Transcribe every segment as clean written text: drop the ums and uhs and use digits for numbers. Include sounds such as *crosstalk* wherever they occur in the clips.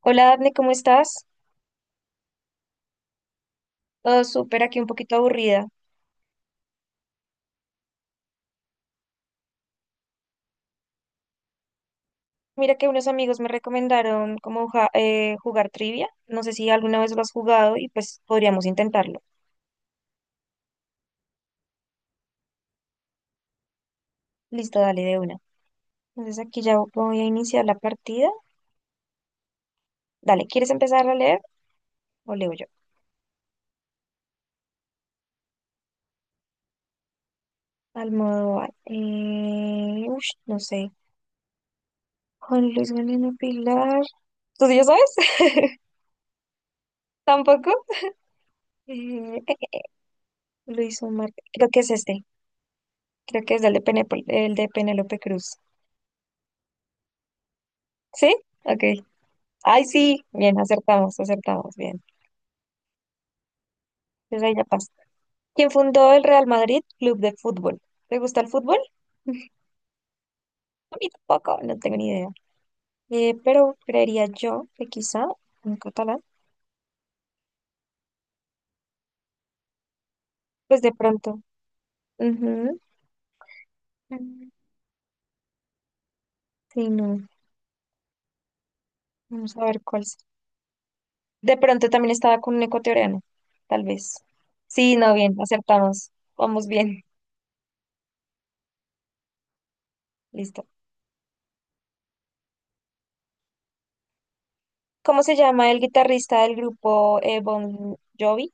Hola, Dafne, ¿cómo estás? Todo súper, aquí un poquito aburrida. Mira que unos amigos me recomendaron como jugar trivia. No sé si alguna vez lo has jugado y pues podríamos intentarlo. Listo, dale de una. Entonces aquí ya voy a iniciar la partida. Dale, ¿quieres empezar a leer o leo yo? Almodóvar. No sé. Juan Luis Galeno Pilar. ¿Tú sí ya sabes? *laughs* ¿Tampoco? Eh, eh, Luis Omar. Creo que es este. Creo que es el de Penélope Cruz. ¿Sí? Ok. Ay, sí, bien, acertamos, acertamos, bien. Desde ahí ya pasa. ¿Quién fundó el Real Madrid Club de Fútbol? ¿Te gusta el fútbol? *laughs* A mí tampoco, no tengo ni idea. Pero creería yo que quizá en catalán, pues de pronto. Ujú. Mm, sí, no. Vamos a ver cuál es. De pronto también estaba con un ecuatoriano, tal vez. Sí, no, bien, acertamos. Vamos bien, listo. ¿Cómo se llama el guitarrista del grupo Bon Jovi?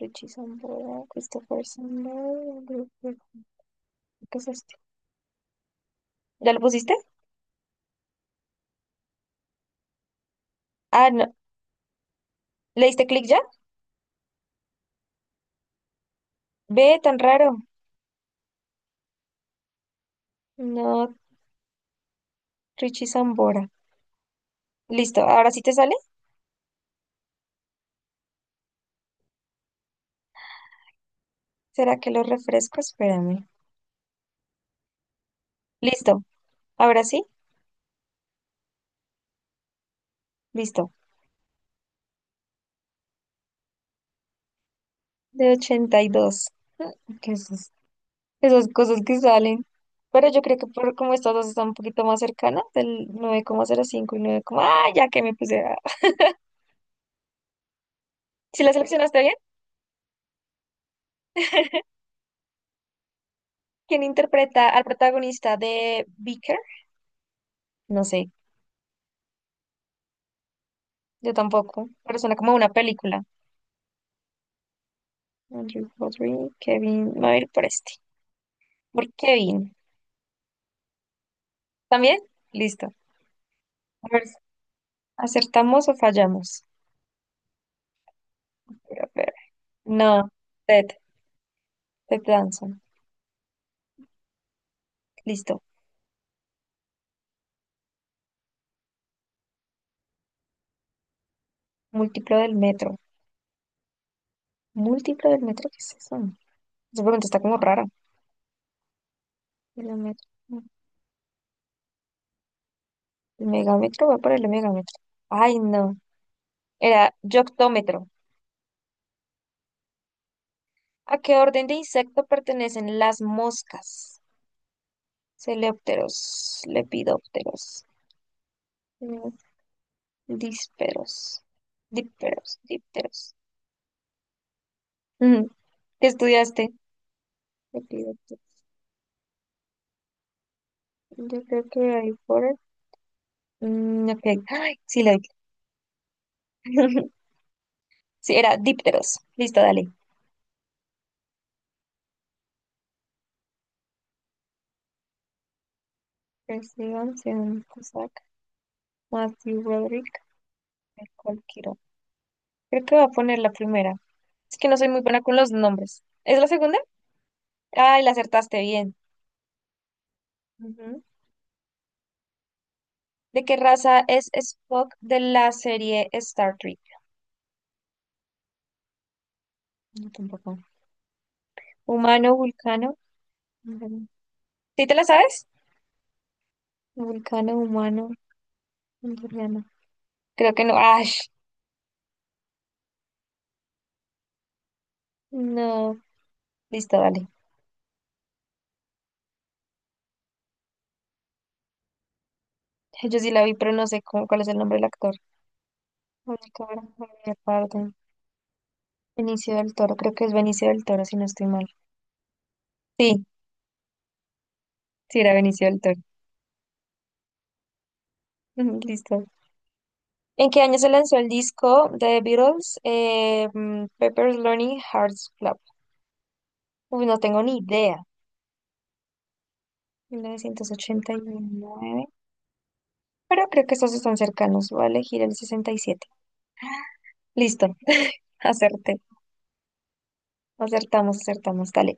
Richie Sambora, Christopher Sambora, ¿qué es esto? ¿Ya lo pusiste? Ah, no. ¿Le diste clic ya? Ve, tan raro. No, Richie Sambora. Listo, ¿ahora sí te sale? ¿Será que lo refresco? Espérame. Listo, ahora sí, listo. De 82. ¿Qué es eso? Esas cosas que salen. Pero yo creo que por como estas dos están un poquito más cercanas, del 9,05 y 9, ya que me puse a... Si la seleccionaste bien, ¿quién interpreta al protagonista de Beaker? No sé. Yo tampoco, pero suena como una película. Andrew Rodri, Kevin, me voy a ir por este. Por Kevin. ¿También? Listo. A ver, ¿acertamos o fallamos? A ver. No, Ted, Ted Danson. Listo. Múltiplo del metro. ¿Múltiplo del metro? ¿Qué es eso? Esa pregunta está como rara. El metro. El megámetro, voy por el megámetro. Ay, no. Era yoctómetro. ¿A qué orden de insecto pertenecen las moscas? Coleópteros, lepidópteros. Dísperos. Dísperos, dísperos. Ujú. ¿Qué estudiaste? Epidepto- Yo creo que hay por... Mm, ok. Ay, sí, la vi. *laughs* Sí, era dípteros. Listo, dale. Persigan, Sean Cusack, Matthew Broderick, Nicole Kidman. Creo que voy a poner la primera. Es que no soy muy buena con los nombres. ¿Es la segunda? Ay, la acertaste bien. Ujú. ¿De qué raza es Spock de la serie Star Trek? No, tampoco. Humano, vulcano. Ujú. ¿Sí te la sabes? Vulcano, humano, andoriano. Creo que no. ¡Ash! No. Listo, dale. Yo sí la vi, pero no sé cuál es el nombre del actor. Almodóvar, Javier Bardem, Benicio del Toro. Creo que es Benicio del Toro, si no estoy mal. Sí, sí era Benicio del Toro. *laughs* Listo. ¿En qué año se lanzó el disco de The Beatles? Pepper's Lonely Hearts Club. Uy, no tengo ni idea. 1989. Pero creo que estos están cercanos. Voy a elegir el 67. Listo, *laughs* acerté. Acertamos, acertamos, dale.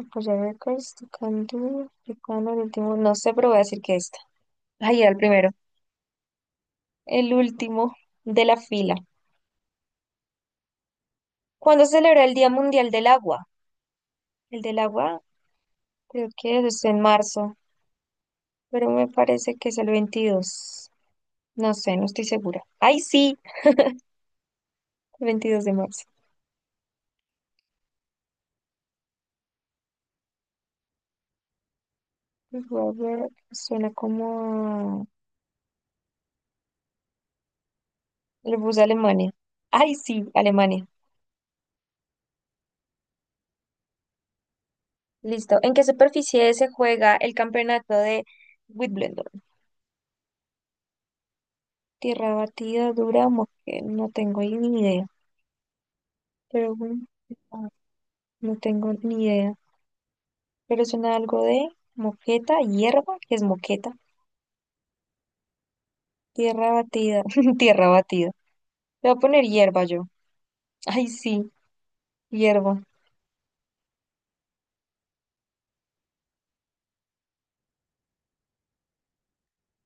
Apoyar récords, tocando, tocando el último. No sé, pero voy a decir que esta. Ahí era el primero. El último de la fila. ¿Cuándo se celebra el Día Mundial del Agua? El del agua, creo que es en marzo, pero me parece que es el 22. No sé, no estoy segura. ¡Ay, sí! El 22 de marzo. Voy a ver, suena como... a- Le puse Alemania. ¡Ay, sí! Alemania. Listo. ¿En qué superficie se juega el campeonato de Wimbledon? Tierra batida, Duramos, que no tengo ahí ni idea, pero ah, no tengo ni idea. Pero suena algo de moqueta, hierba, que es moqueta. Tierra batida, *laughs* tierra batida. Te voy a poner hierba yo. Ay, sí, hierba.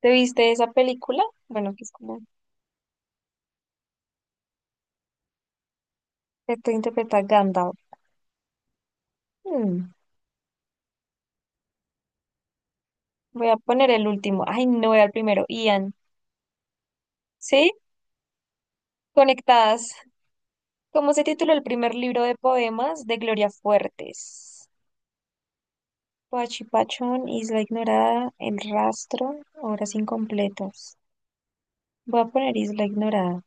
¿Te viste esa película? Bueno, que es como esto interpreta Gandalf. Mm, Voy a poner el último. Ay, no era el primero. Ian. ¿Sí? Conectadas. ¿Cómo se tituló el primer libro de poemas de Gloria Fuertes? Pachipachón, Isla Ignorada, El Rastro, Horas Incompletas. Voy a poner Isla Ignorada.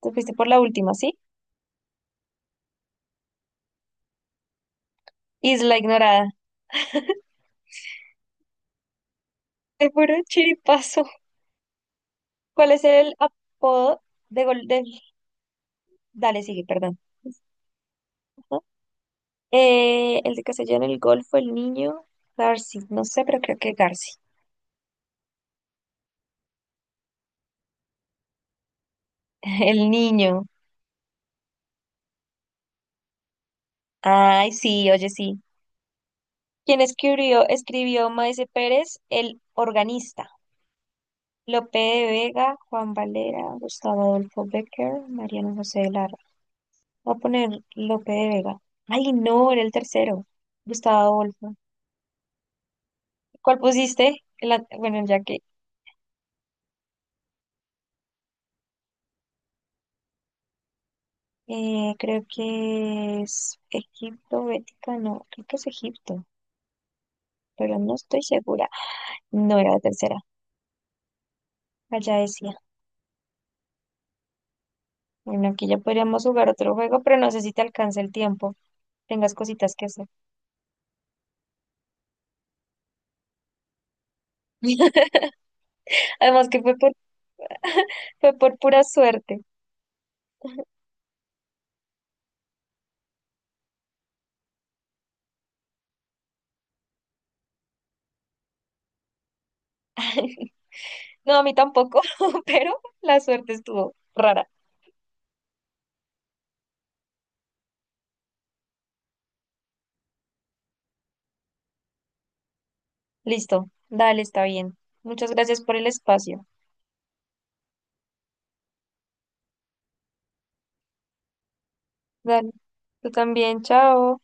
Te fuiste por la última, ¿sí? Isla Ignorada. Te puro chiripazo. ¿Cuál es el apodo de gol del... Dale, sigue, perdón. *laughs* Ajá. El de Castellano, el Golfo, el Niño, Garci. No sé, pero creo que Garci. *laughs* El Niño. Ay, sí, oye, sí. ¿Quién escribió Maese Pérez, el organista? Lope de Vega, Juan Valera, Gustavo Adolfo Becker, Mariano José de Lara. Voy a poner Lope de Vega. Ay, no, era el tercero. Gustavo Adolfo. ¿Cuál pusiste? El an- bueno, ya que creo que es Egipto, Bética, no, creo que es Egipto, pero no estoy segura. No era la tercera, allá decía. Bueno, aquí ya podríamos jugar otro juego, pero no sé si te alcanza el tiempo. Tengas cositas que hacer. *laughs* Además que fue por, *laughs* fue por pura suerte. *laughs* No, a mí tampoco, *laughs* pero la suerte estuvo rara. Listo, dale, está bien. Muchas gracias por el espacio. Dale, tú también, chao.